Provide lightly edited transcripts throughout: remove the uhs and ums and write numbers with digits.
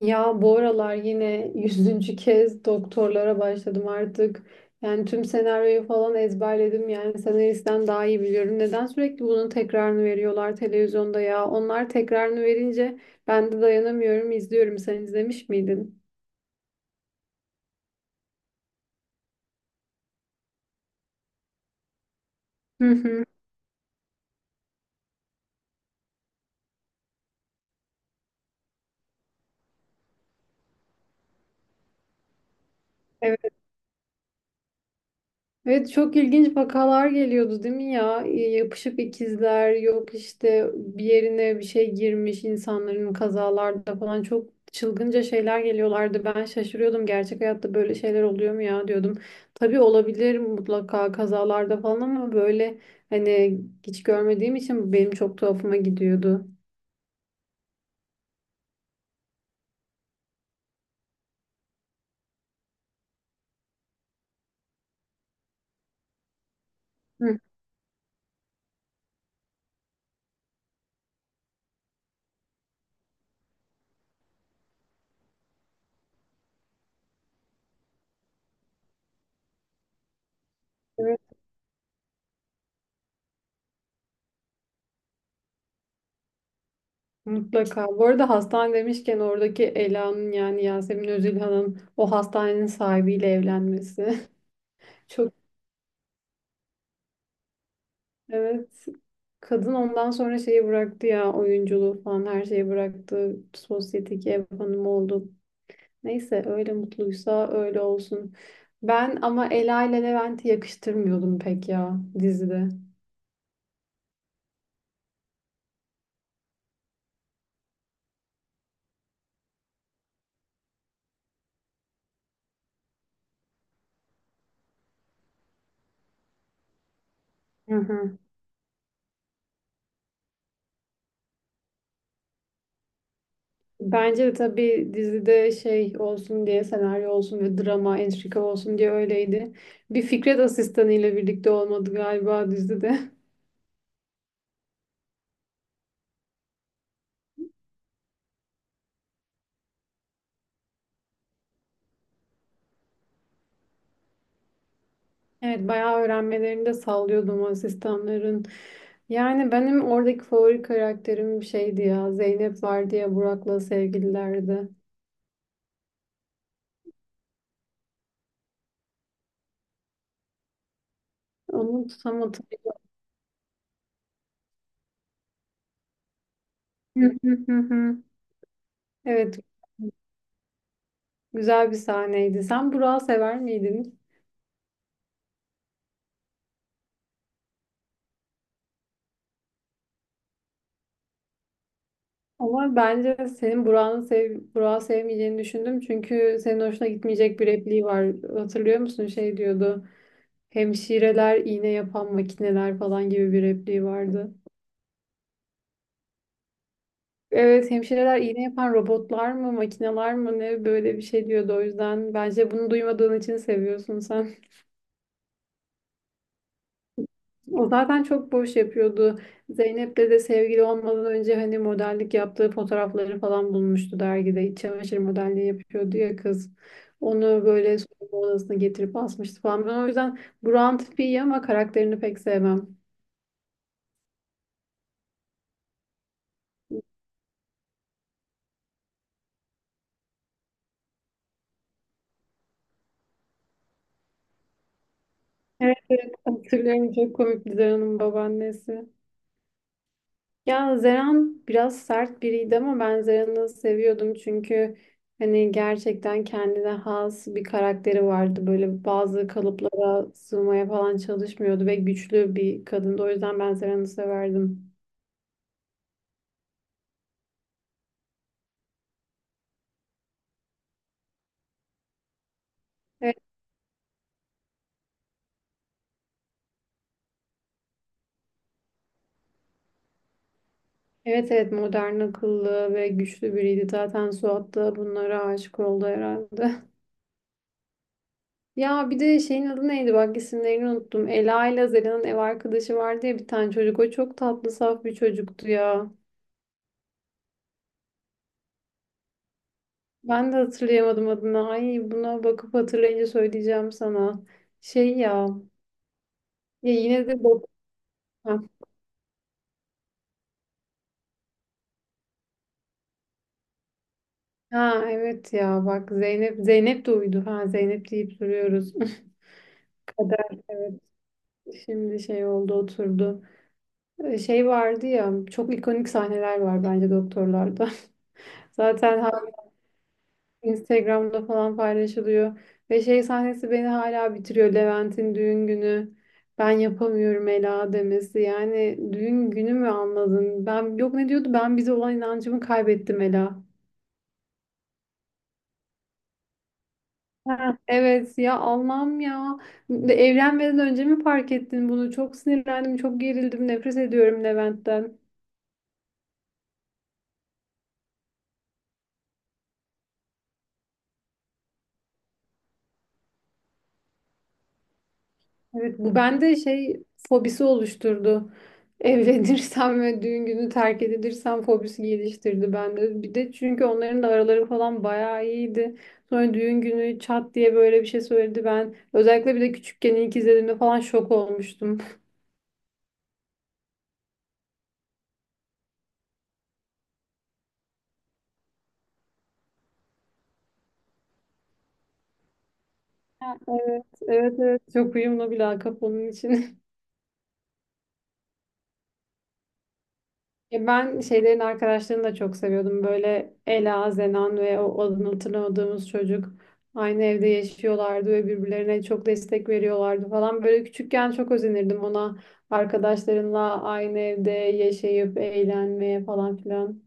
Ya bu aralar yine yüzüncü kez doktorlara başladım artık. Yani tüm senaryoyu falan ezberledim. Yani senaristten daha iyi biliyorum. Neden sürekli bunun tekrarını veriyorlar televizyonda ya? Onlar tekrarını verince ben de dayanamıyorum, izliyorum. Sen izlemiş miydin? Hı hı. Evet. Evet, çok ilginç vakalar geliyordu değil mi ya? Yapışık ikizler yok işte, bir yerine bir şey girmiş insanların, kazalarda falan çok çılgınca şeyler geliyorlardı. Ben şaşırıyordum, gerçek hayatta böyle şeyler oluyor mu ya diyordum. Tabii olabilir mutlaka kazalarda falan, ama böyle hani hiç görmediğim için benim çok tuhafıma gidiyordu. Hı, evet. Mutlaka. Bu arada hastane demişken, oradaki Ela'nın yani Yasemin Özilhan'ın o hastanenin sahibiyle evlenmesi. Çok. Evet. Kadın ondan sonra şeyi bıraktı ya, oyunculuğu falan her şeyi bıraktı. Sosyeteki ev hanımı oldu. Neyse, öyle mutluysa öyle olsun. Ben ama Ela ile Levent'i yakıştırmıyordum pek ya dizide. Hı hı. Bence de tabii, dizide şey olsun diye, senaryo olsun ve drama, entrika olsun diye öyleydi. Bir Fikret asistanıyla birlikte olmadı galiba dizide. Evet, bayağı öğrenmelerini de sallıyordum asistanların. Yani benim oradaki favori karakterim bir şeydi ya. Zeynep vardı ya, Burak'la sevgililerdi. Onu tutamadım. Evet, güzel bir sahneydi. Sen Burak'ı sever miydin? Ama bence senin Burak'ı sevmeyeceğini düşündüm. Çünkü senin hoşuna gitmeyecek bir repliği var. Hatırlıyor musun? Şey diyordu. Hemşireler iğne yapan makineler falan gibi bir repliği vardı. Evet, hemşireler iğne yapan robotlar mı, makineler mı ne, böyle bir şey diyordu. O yüzden bence bunu duymadığın için seviyorsun sen. O zaten çok boş yapıyordu. Zeynep'le de sevgili olmadan önce hani modellik yaptığı fotoğrafları falan bulmuştu dergide. İç çamaşır modelliği yapıyordu ya kız. Onu böyle soyunma odasına getirip asmıştı falan. Ben o yüzden Burak'ın tipi iyi ama karakterini pek sevmem. Evet, evet hatırlıyorum, çok komik Dilan Hanım'ın babaannesi. Ya Zeren biraz sert biriydi ama ben Zeren'i seviyordum, çünkü hani gerçekten kendine has bir karakteri vardı. Böyle bazı kalıplara sığmaya falan çalışmıyordu ve güçlü bir kadındı. O yüzden ben Zeren'i severdim. Evet, evet evet, modern, akıllı ve güçlü biriydi. Zaten Suat da bunlara aşık oldu herhalde. Ya bir de şeyin adı neydi, bak isimlerini unuttum. Ela ile Zeren'in ev arkadaşı vardı ya, bir tane çocuk. O çok tatlı, saf bir çocuktu ya. Ben de hatırlayamadım adını. Ay, buna bakıp hatırlayınca söyleyeceğim sana. Şey ya. Ya yine de bak. Ha, ha, evet ya bak, Zeynep de uydu. Ha, Zeynep deyip duruyoruz. Kader, evet. Şimdi şey oldu oturdu. Şey vardı ya, çok ikonik sahneler var bence doktorlarda. Zaten Instagram'da falan paylaşılıyor. Ve şey sahnesi beni hala bitiriyor. Levent'in düğün günü. Ben yapamıyorum Ela demesi. Yani düğün günü mü, anladın? Ben yok, ne diyordu? Ben bize olan inancımı kaybettim Ela. Ha, evet ya, Allah'ım ya. Evlenmeden önce mi fark ettin bunu? Çok sinirlendim, çok gerildim, nefret ediyorum Levent'ten. Evet, bu bende şey fobisi oluşturdu. Evlenirsem ve düğün günü terk edilirsem fobisi geliştirdi bende. Bir de çünkü onların da araları falan bayağı iyiydi. Sonra düğün günü çat diye böyle bir şey söyledi. Ben özellikle bir de küçükken ilk izlediğimde falan şok olmuştum. Ha, evet, evet, evet. Çok uyumlu bir lakap onun için. Ya ben şeylerin arkadaşlarını da çok seviyordum. Böyle Ela, Zenan ve o adını hatırlamadığımız çocuk aynı evde yaşıyorlardı ve birbirlerine çok destek veriyorlardı falan. Böyle küçükken çok özenirdim ona, arkadaşlarınla aynı evde yaşayıp eğlenmeye falan filan.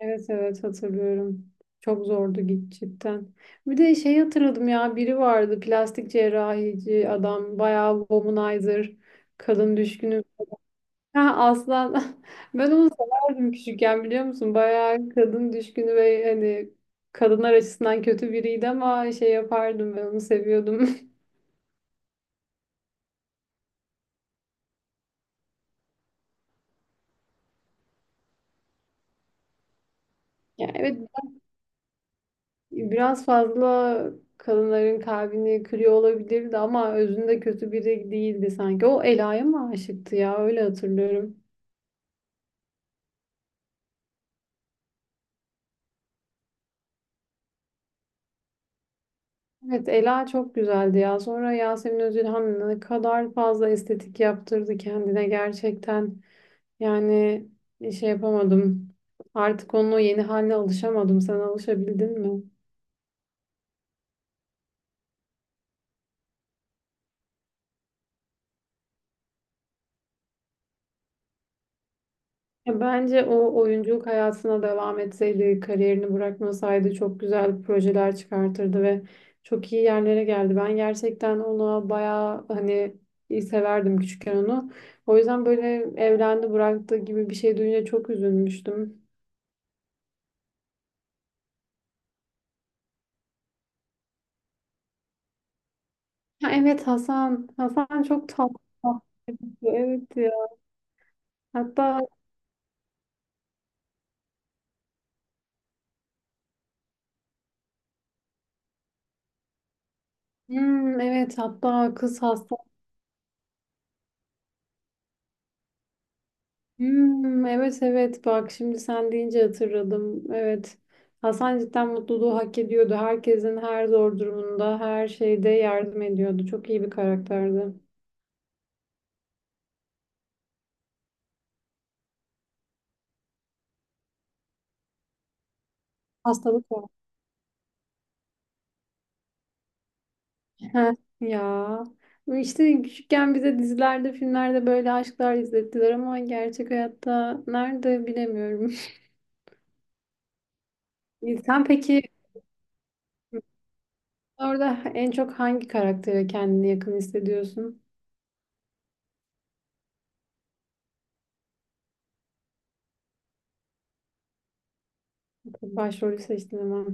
Evet evet hatırlıyorum. Çok zordu git cidden. Bir de şey hatırladım ya, biri vardı plastik cerrahici adam, bayağı womanizer, kadın düşkünü. Ha, aslan. Ben onu severdim küçükken, biliyor musun? Bayağı kadın düşkünü ve hani kadınlar açısından kötü biriydi ama şey yapardım, ben onu seviyordum. Yani evet, biraz fazla kadınların kalbini kırıyor olabilirdi ama özünde kötü biri değildi sanki. O Ela'ya mı aşıktı ya, öyle hatırlıyorum. Evet, Ela çok güzeldi ya. Sonra Yasemin Özülhan ne kadar fazla estetik yaptırdı kendine gerçekten. Yani şey yapamadım. Artık onun o yeni haline alışamadım. Sen alışabildin mi? Ya bence o oyunculuk hayatına devam etseydi, kariyerini bırakmasaydı çok güzel projeler çıkartırdı ve çok iyi yerlere geldi. Ben gerçekten ona bayağı hani iyi severdim küçükken onu. O yüzden böyle evlendi bıraktı gibi bir şey duyunca çok üzülmüştüm. Ha, evet, Hasan. Hasan çok tatlı. Evet ya. Hatta hmm, evet hatta kız hasta. Hmm, evet evet bak, şimdi sen deyince hatırladım. Evet. Hasan cidden mutluluğu hak ediyordu. Herkesin her zor durumunda, her şeyde yardım ediyordu. Çok iyi bir karakterdi. Hastalık var. Heh, ya. İşte küçükken bize dizilerde, filmlerde böyle aşklar izlettiler ama gerçek hayatta nerede, bilemiyorum. Sen peki orada en çok hangi karaktere kendini yakın hissediyorsun? Başrolü seçtin ama.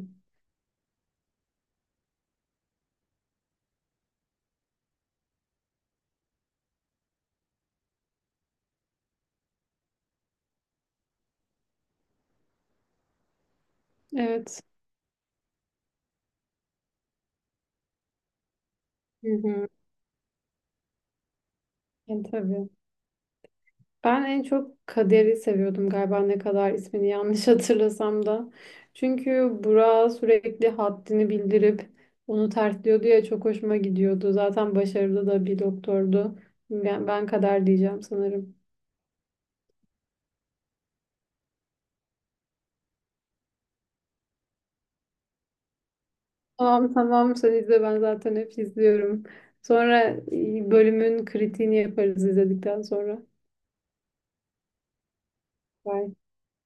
Evet. Hı hı. Yani tabii. Ben en çok Kader'i seviyordum galiba, ne kadar ismini yanlış hatırlasam da. Çünkü Burak'a sürekli haddini bildirip onu tersliyordu ya, çok hoşuma gidiyordu. Zaten başarılı da bir doktordu. Ben Kader diyeceğim sanırım. Tamam tamam, sen izle, ben zaten hep izliyorum. Sonra bölümün kritiğini yaparız izledikten sonra. Bye.